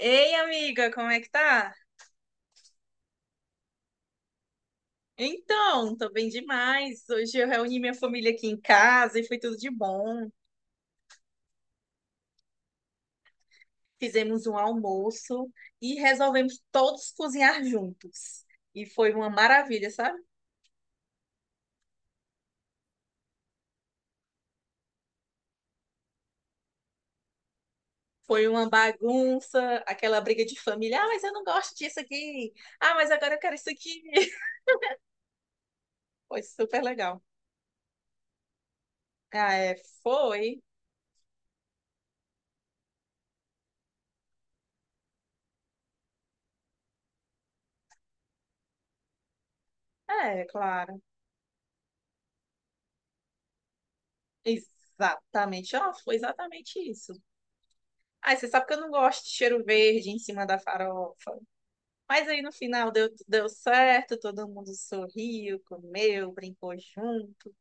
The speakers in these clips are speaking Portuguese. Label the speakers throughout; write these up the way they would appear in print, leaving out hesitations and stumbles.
Speaker 1: Ei, amiga, como é que tá? Então, tô bem demais. Hoje eu reuni minha família aqui em casa e foi tudo de bom. Fizemos um almoço e resolvemos todos cozinhar juntos. E foi uma maravilha, sabe? Foi uma bagunça, aquela briga de família. Ah, mas eu não gosto disso aqui. Ah, mas agora eu quero isso aqui. Foi super legal. Ah, é, foi. É, claro. Exatamente. Ó, foi exatamente isso. Ai, você sabe que eu não gosto de cheiro verde em cima da farofa. Mas aí no final deu certo, todo mundo sorriu, comeu, brincou junto.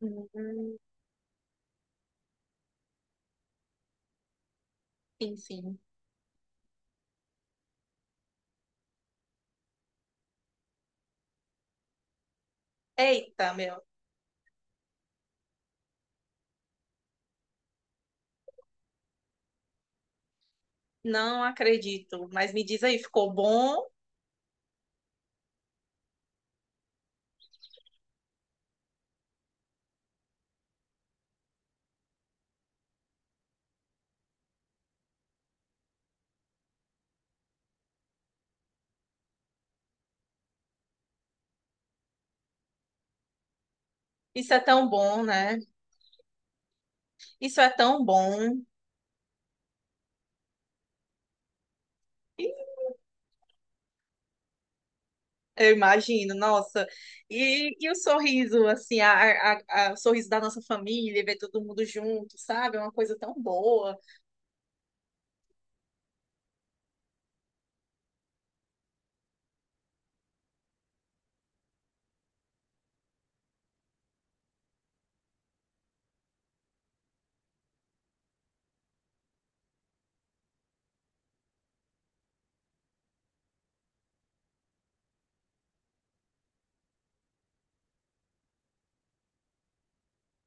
Speaker 1: Uhum. Enfim. Eita, meu, não acredito. Mas me diz aí, ficou bom? Isso é tão bom, né? Isso é tão bom. Eu imagino, nossa. E o sorriso, assim, o sorriso da nossa família, ver todo mundo junto, sabe? É uma coisa tão boa.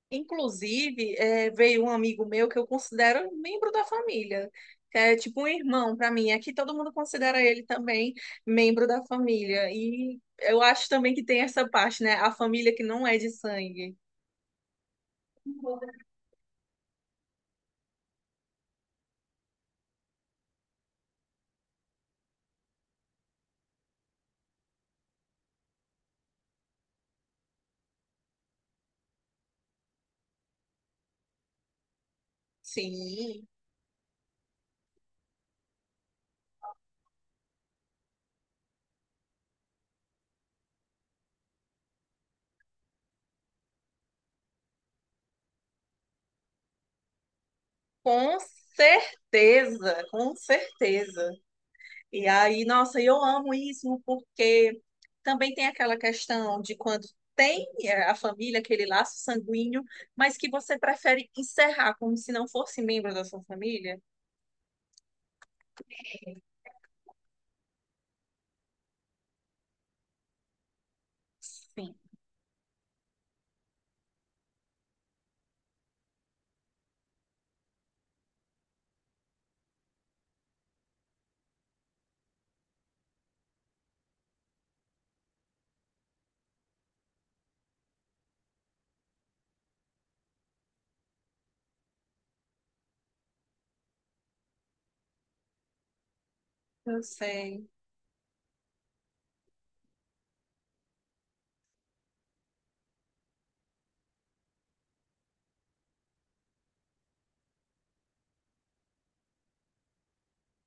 Speaker 1: Inclusive, veio um amigo meu que eu considero um membro da família, que é tipo um irmão para mim. Aqui todo mundo considera ele também membro da família. E eu acho também que tem essa parte, né? A família que não é de sangue. Sim, com certeza, com certeza. E aí, nossa, eu amo isso porque também tem aquela questão de quando tem a família, aquele laço sanguíneo, mas que você prefere encerrar como se não fosse membro da sua família. Sim, eu sei.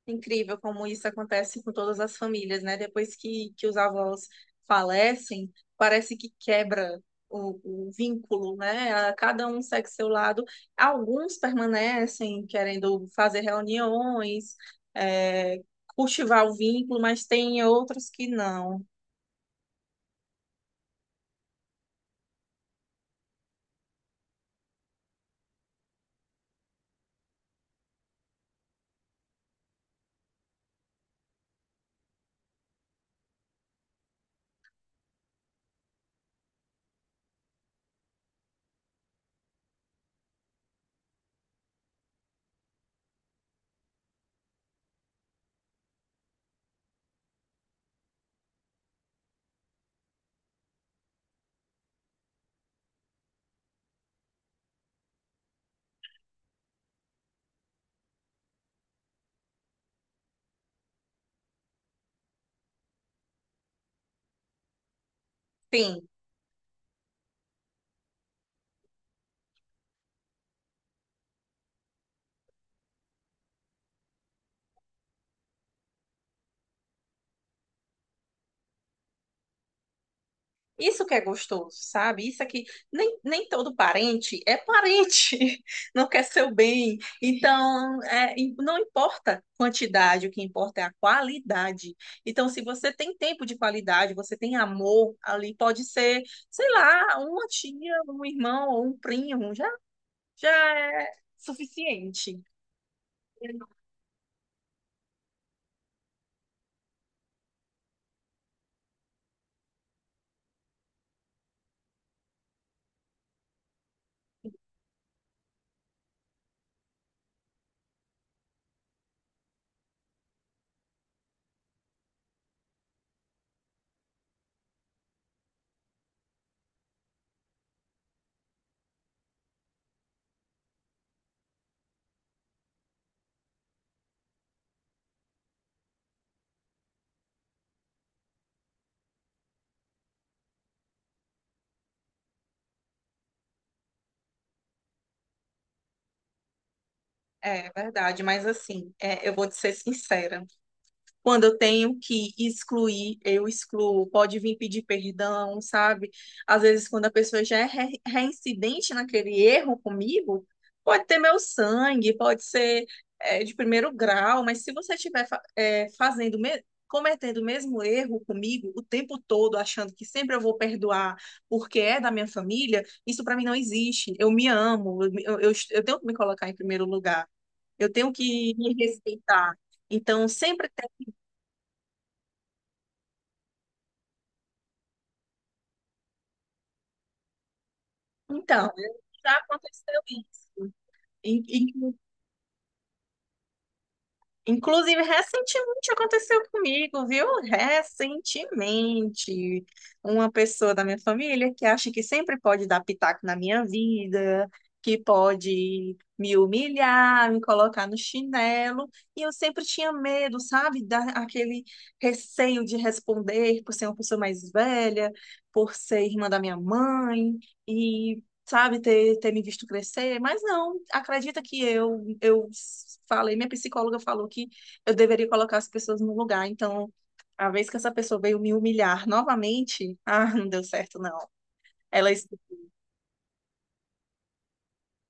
Speaker 1: Incrível como isso acontece com todas as famílias, né? Depois que os avós falecem, parece que quebra o vínculo, né? A- Cada um segue seu lado. Alguns permanecem querendo fazer reuniões, é, cultivar o vínculo, mas tem outros que não. Sim. Isso que é gostoso, sabe? Isso aqui, nem todo parente é parente, não quer seu bem. Então, é, e não importa a quantidade, o que importa é a qualidade. Então, se você tem tempo de qualidade, você tem amor ali, pode ser, sei lá, uma tia, um irmão ou um primo, já é suficiente. É verdade, mas assim, é, eu vou te ser sincera. Quando eu tenho que excluir, eu excluo. Pode vir pedir perdão, sabe? Às vezes, quando a pessoa já é reincidente naquele erro comigo, pode ter meu sangue, pode ser, é, de primeiro grau, mas se você estiver, cometendo o mesmo erro comigo o tempo todo, achando que sempre eu vou perdoar porque é da minha família, isso para mim não existe. Eu me amo, eu tenho que me colocar em primeiro lugar, eu tenho que me respeitar. Então, sempre então, já aconteceu isso. In- in- Inclusive, recentemente aconteceu comigo, viu? Recentemente. Uma pessoa da minha família que acha que sempre pode dar pitaco na minha vida, que pode me humilhar, me colocar no chinelo. E eu sempre tinha medo, sabe? Da, aquele receio de responder por ser uma pessoa mais velha, por ser irmã da minha mãe. E sabe, ter me visto crescer, mas não, acredita que eu falei, minha psicóloga falou que eu deveria colocar as pessoas no lugar, então a vez que essa pessoa veio me humilhar novamente, ah, não deu certo não. Ela es-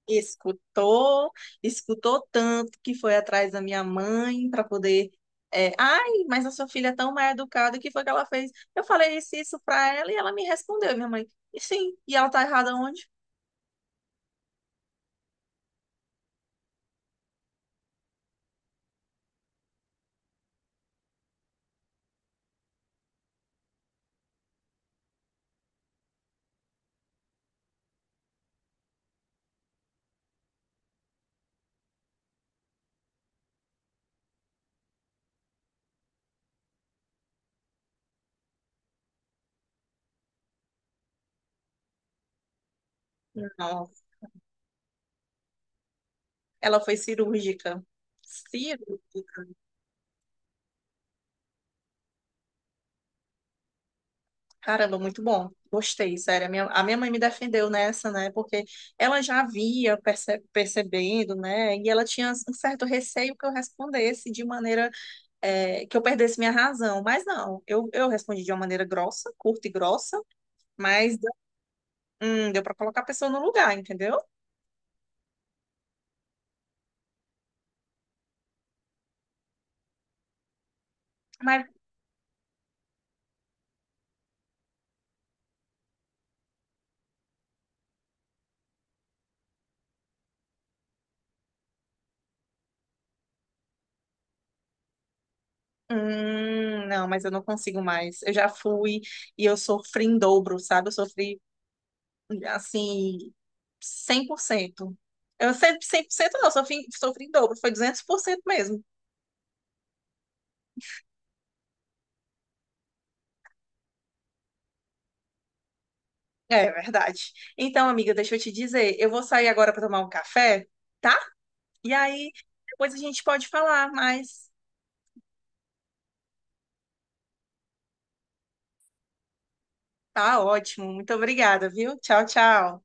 Speaker 1: Escutou, escutou tanto que foi atrás da minha mãe para poder ai, mas a sua filha é tão mal educada, o que foi que ela fez? Eu falei isso, isso pra ela e ela me respondeu, minha mãe. E sim, e ela tá errada onde? Não, ela foi cirúrgica. Cirúrgica. Caramba, muito bom. Gostei, sério. A minha mãe me defendeu nessa, né? Porque ela já havia percebendo, né? E ela tinha um certo receio que eu respondesse de maneira, que eu perdesse minha razão. Mas não, eu respondi de uma maneira grossa, curta e grossa, mas deu para colocar a pessoa no lugar, entendeu? Mas, não, mas eu não consigo mais. Eu já fui e eu sofri em dobro, sabe? Eu sofri assim, 100% eu sempre 100% não, sofri, sofri em dobro, foi 200% mesmo. É verdade. Então, amiga, deixa eu te dizer, eu vou sair agora para tomar um café, tá? E aí depois a gente pode falar, mas tá ótimo. Muito obrigada, viu? Tchau, tchau.